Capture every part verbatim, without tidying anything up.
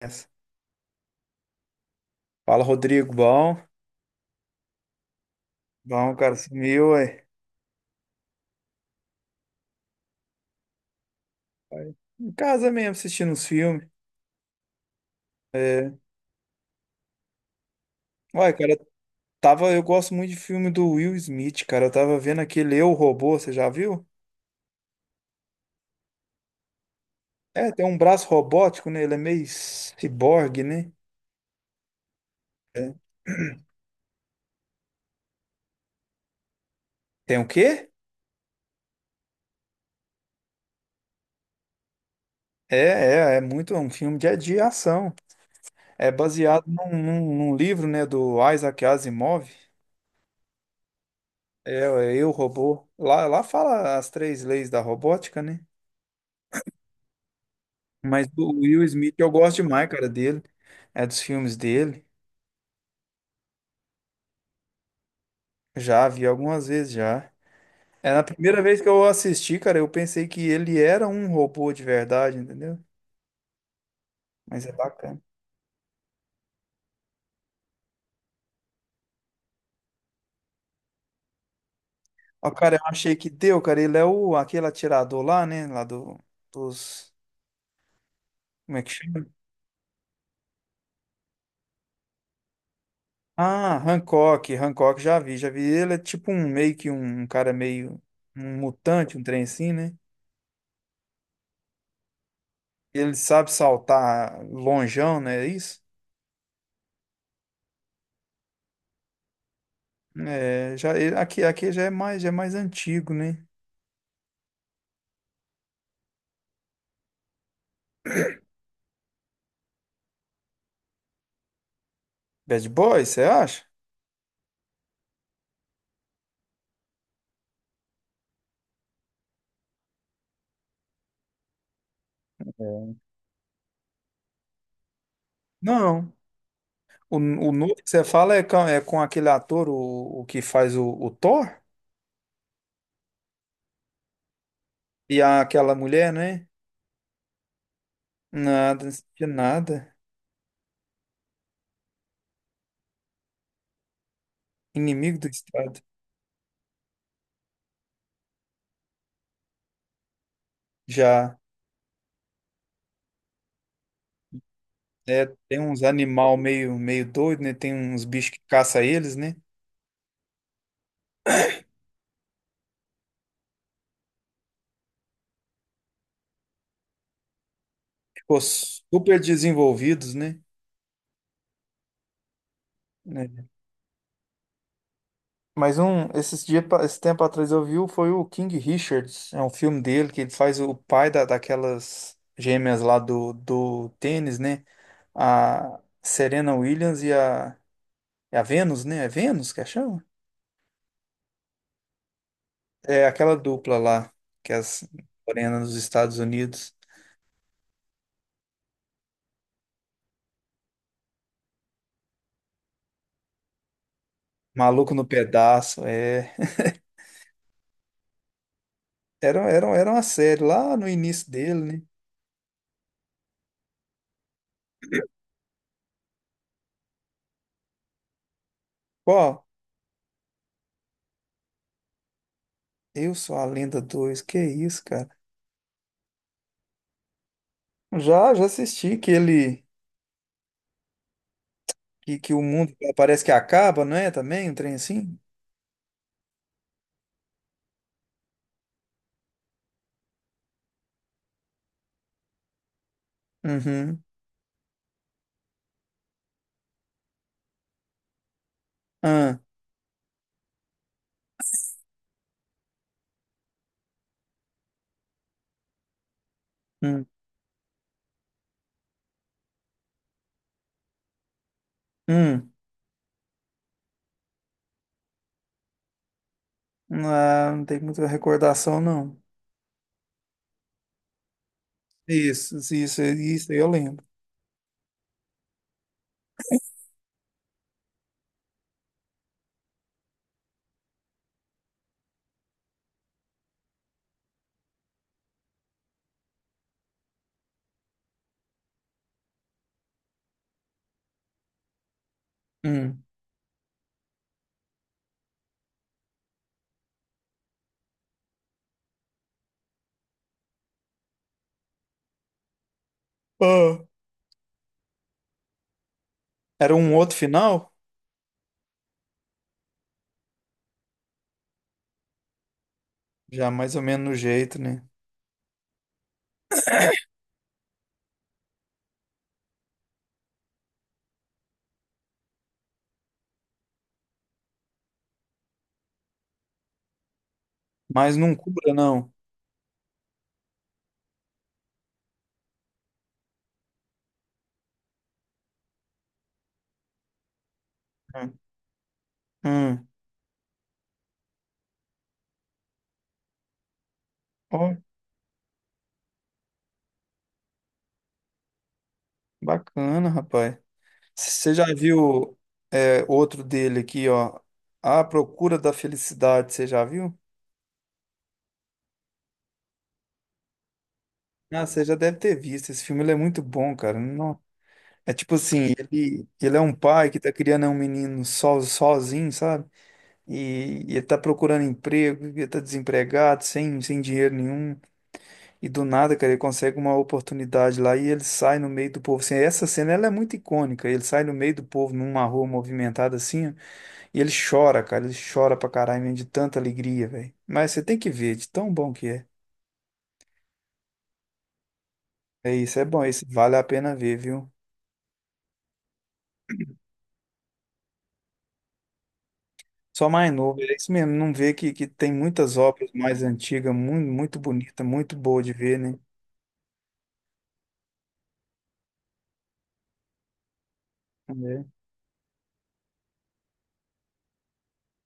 Essa. Fala, Rodrigo. Bom, bom, cara, sumiu, ué. Aí, em casa mesmo, assistindo uns filmes. É. Ué, cara, tava, eu gosto muito de filme do Will Smith, cara. Eu tava vendo aquele Eu, Robô, você já viu? É, tem um braço robótico, né? Ele é meio ciborgue, né? É. Tem o quê? É, é, é muito é um filme de, de ação. É baseado num, num- num livro, né, do Isaac Asimov. É, é Eu, Robô. Lá, lá fala as três leis da robótica, né? Mas do Will Smith eu gosto demais, cara, dele. É dos filmes dele. Já vi algumas vezes já. É na primeira vez que eu assisti, cara, eu pensei que ele era um robô de verdade, entendeu? Mas é bacana. Ó, cara, eu achei que deu, cara. Ele é o aquele atirador lá, né? Lá do, dos. Como é que chama? Ah, Hancock. Hancock já vi, já vi. Ele é tipo um meio que um, cara meio um mutante, um trem assim, né? Ele sabe saltar lonjão, né? É isso? É, já, ele- aqui, aqui já é mais, já é mais antigo, né? Bad Boys, você acha? É. Não. O, o novo que você fala é com, é com aquele ator, o, o que faz o, o Thor? E a- aquela mulher, né? Nada, não sabia nada. Inimigo do Estado. Já. É, tem uns animal meio, meio doido, né? Tem uns bichos que caça eles, né? Ficou super desenvolvidos, né? É. Mas um, esses dias, esse tempo atrás eu vi, o- foi o King Richards, é um filme dele que ele faz o pai da, daquelas gêmeas lá do, do tênis, né? A Serena Williams e a, é a Venus, né? É Venus que a chama? É aquela dupla lá, que é as morenas dos Estados Unidos. Maluco no pedaço, é. Era, era, era uma série lá no início dele, né? Qual? Eu Sou a Lenda dois que isso, cara? Já, já assisti que ele. Que, que o mundo parece que acaba, não é? Também, um trem assim? Uhum. Ah, hum, hum. Ah, não tem muita recordação, não. Isso, isso, isso, aí eu lembro. Hum. Ah. Era um outro final? Já mais ou menos no jeito, né? Mas não cura, não. Hum. Hum. Ó, bacana, rapaz. Você já viu é, outro dele aqui, ó? A Procura da Felicidade, você já viu? Ah, você já deve ter visto. Esse filme ele é muito bom, cara. É tipo assim, ele, ele é um pai que tá criando um menino so, sozinho, sabe? E, e ele tá procurando emprego, e ele tá desempregado, sem, sem dinheiro nenhum. E do nada, cara, ele consegue uma oportunidade lá e ele sai no meio do povo. Assim, essa cena, ela é muito icônica. Ele sai no meio do povo, numa rua movimentada assim, ó, e ele chora, cara. Ele chora pra caralho, mesmo, de tanta alegria, velho. Mas você tem que ver, de tão bom que é. É isso, é bom, isso vale a pena ver, viu? Só mais novo, é isso mesmo. Não vê que, que tem muitas obras mais antigas, muito, muito bonita, muito boa de ver, né? É,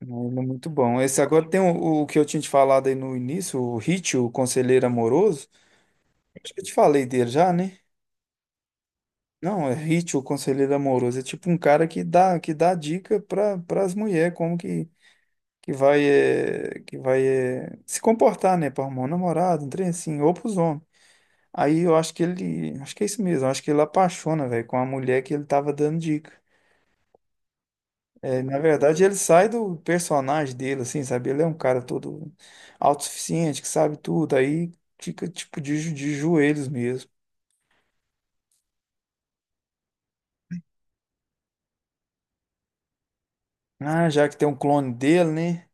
é, ele é muito bom. Esse agora tem o, o que eu tinha te falado aí no início, o Hit, o Conselheiro Amoroso. Acho que eu te falei dele já, né? Não, é Hit, o Conselheiro Amoroso. É tipo um cara que dá, que dá dica para as mulheres como que, que vai, eh, que vai eh, se comportar, né? Para arrumar um namorado, um trem assim, ou para os homens. Aí eu acho que ele. Acho que é isso mesmo. Acho que ele apaixona, velho, com a mulher que ele tava dando dica. É, na verdade, ele sai do personagem dele, assim, sabe? Ele é um cara todo autossuficiente, que sabe tudo. Aí fica, tipo, de, jo- de joelhos mesmo. Ah, já que tem um clone dele, né?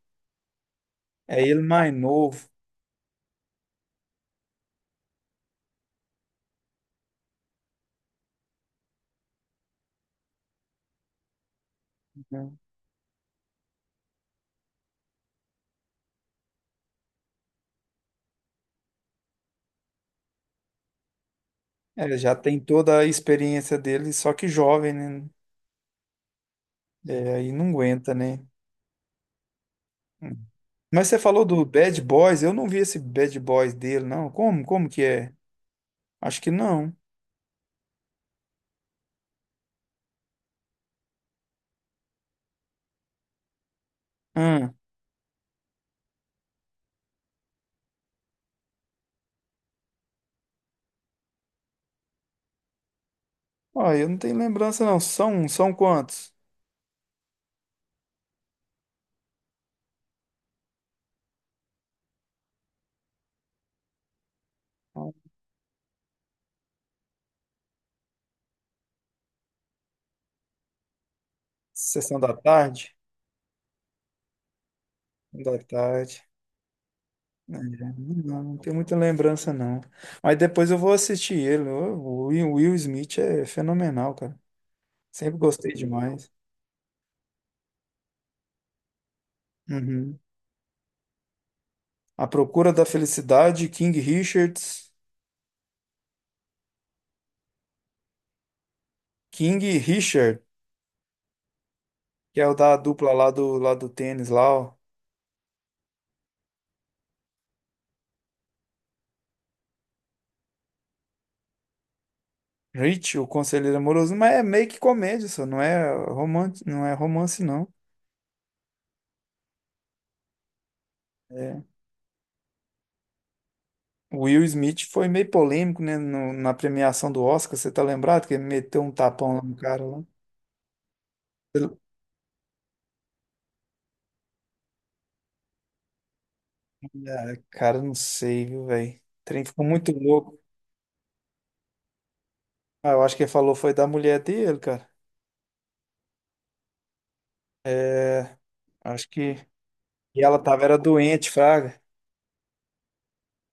É ele mais novo. Né? É, já tem toda a experiência dele, só que jovem, né? É, aí não aguenta, né? Hum. Mas você falou do Bad Boys, eu não vi esse Bad Boys dele, não. Como? Como que é? Acho que não. Hum. Ó, eu não tenho lembrança, não. São, são quantos? Sessão da tarde? Sessão da tarde. É, não, não tenho muita lembrança, não. Mas depois eu vou assistir ele. O Will, Will Smith é fenomenal, cara. Sempre gostei demais. Uhum. A Procura da Felicidade, King Richards. King Richard, que é o da dupla lá do, lá do tênis, lá, ó. Rich, o Conselheiro Amoroso, mas é meio que comédia, só não é romance, não é romance, não. É. O Will Smith foi meio polêmico, né, no- na premiação do Oscar, você tá lembrado que ele meteu um tapão lá no cara lá? Ele- Ah, cara, não sei, viu, velho? O trem ficou muito louco. Ah, eu acho que ele falou foi da mulher dele, cara. É, acho que. E ela tava, era doente, fraga.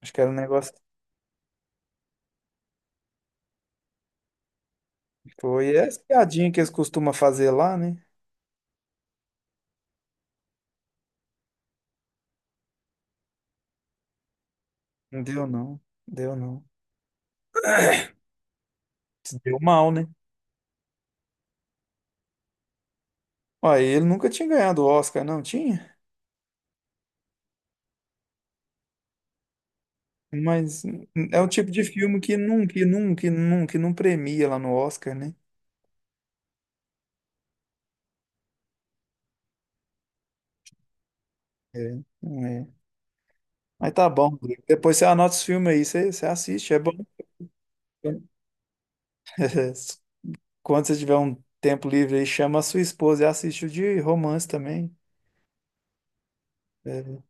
Acho que era um negócio que foi. E é as piadinhas que eles costumam fazer lá, né? Não deu, não. Deu, não. Se deu mal, né? Ó, ele nunca tinha ganhado o Oscar, não tinha? Mas é o tipo de filme que nunca, que nunca, que nunca, que não premia lá no Oscar, né? É, não é. Mas tá bom, Rodrigo. Depois você anota os filmes aí, você, você assiste, é bom. Quando você tiver um tempo livre aí, chama a sua esposa e assiste o de romance também. É.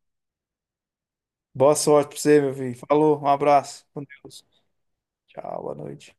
Boa sorte pra você, meu filho. Falou, um abraço. Com Deus. Tchau, boa noite.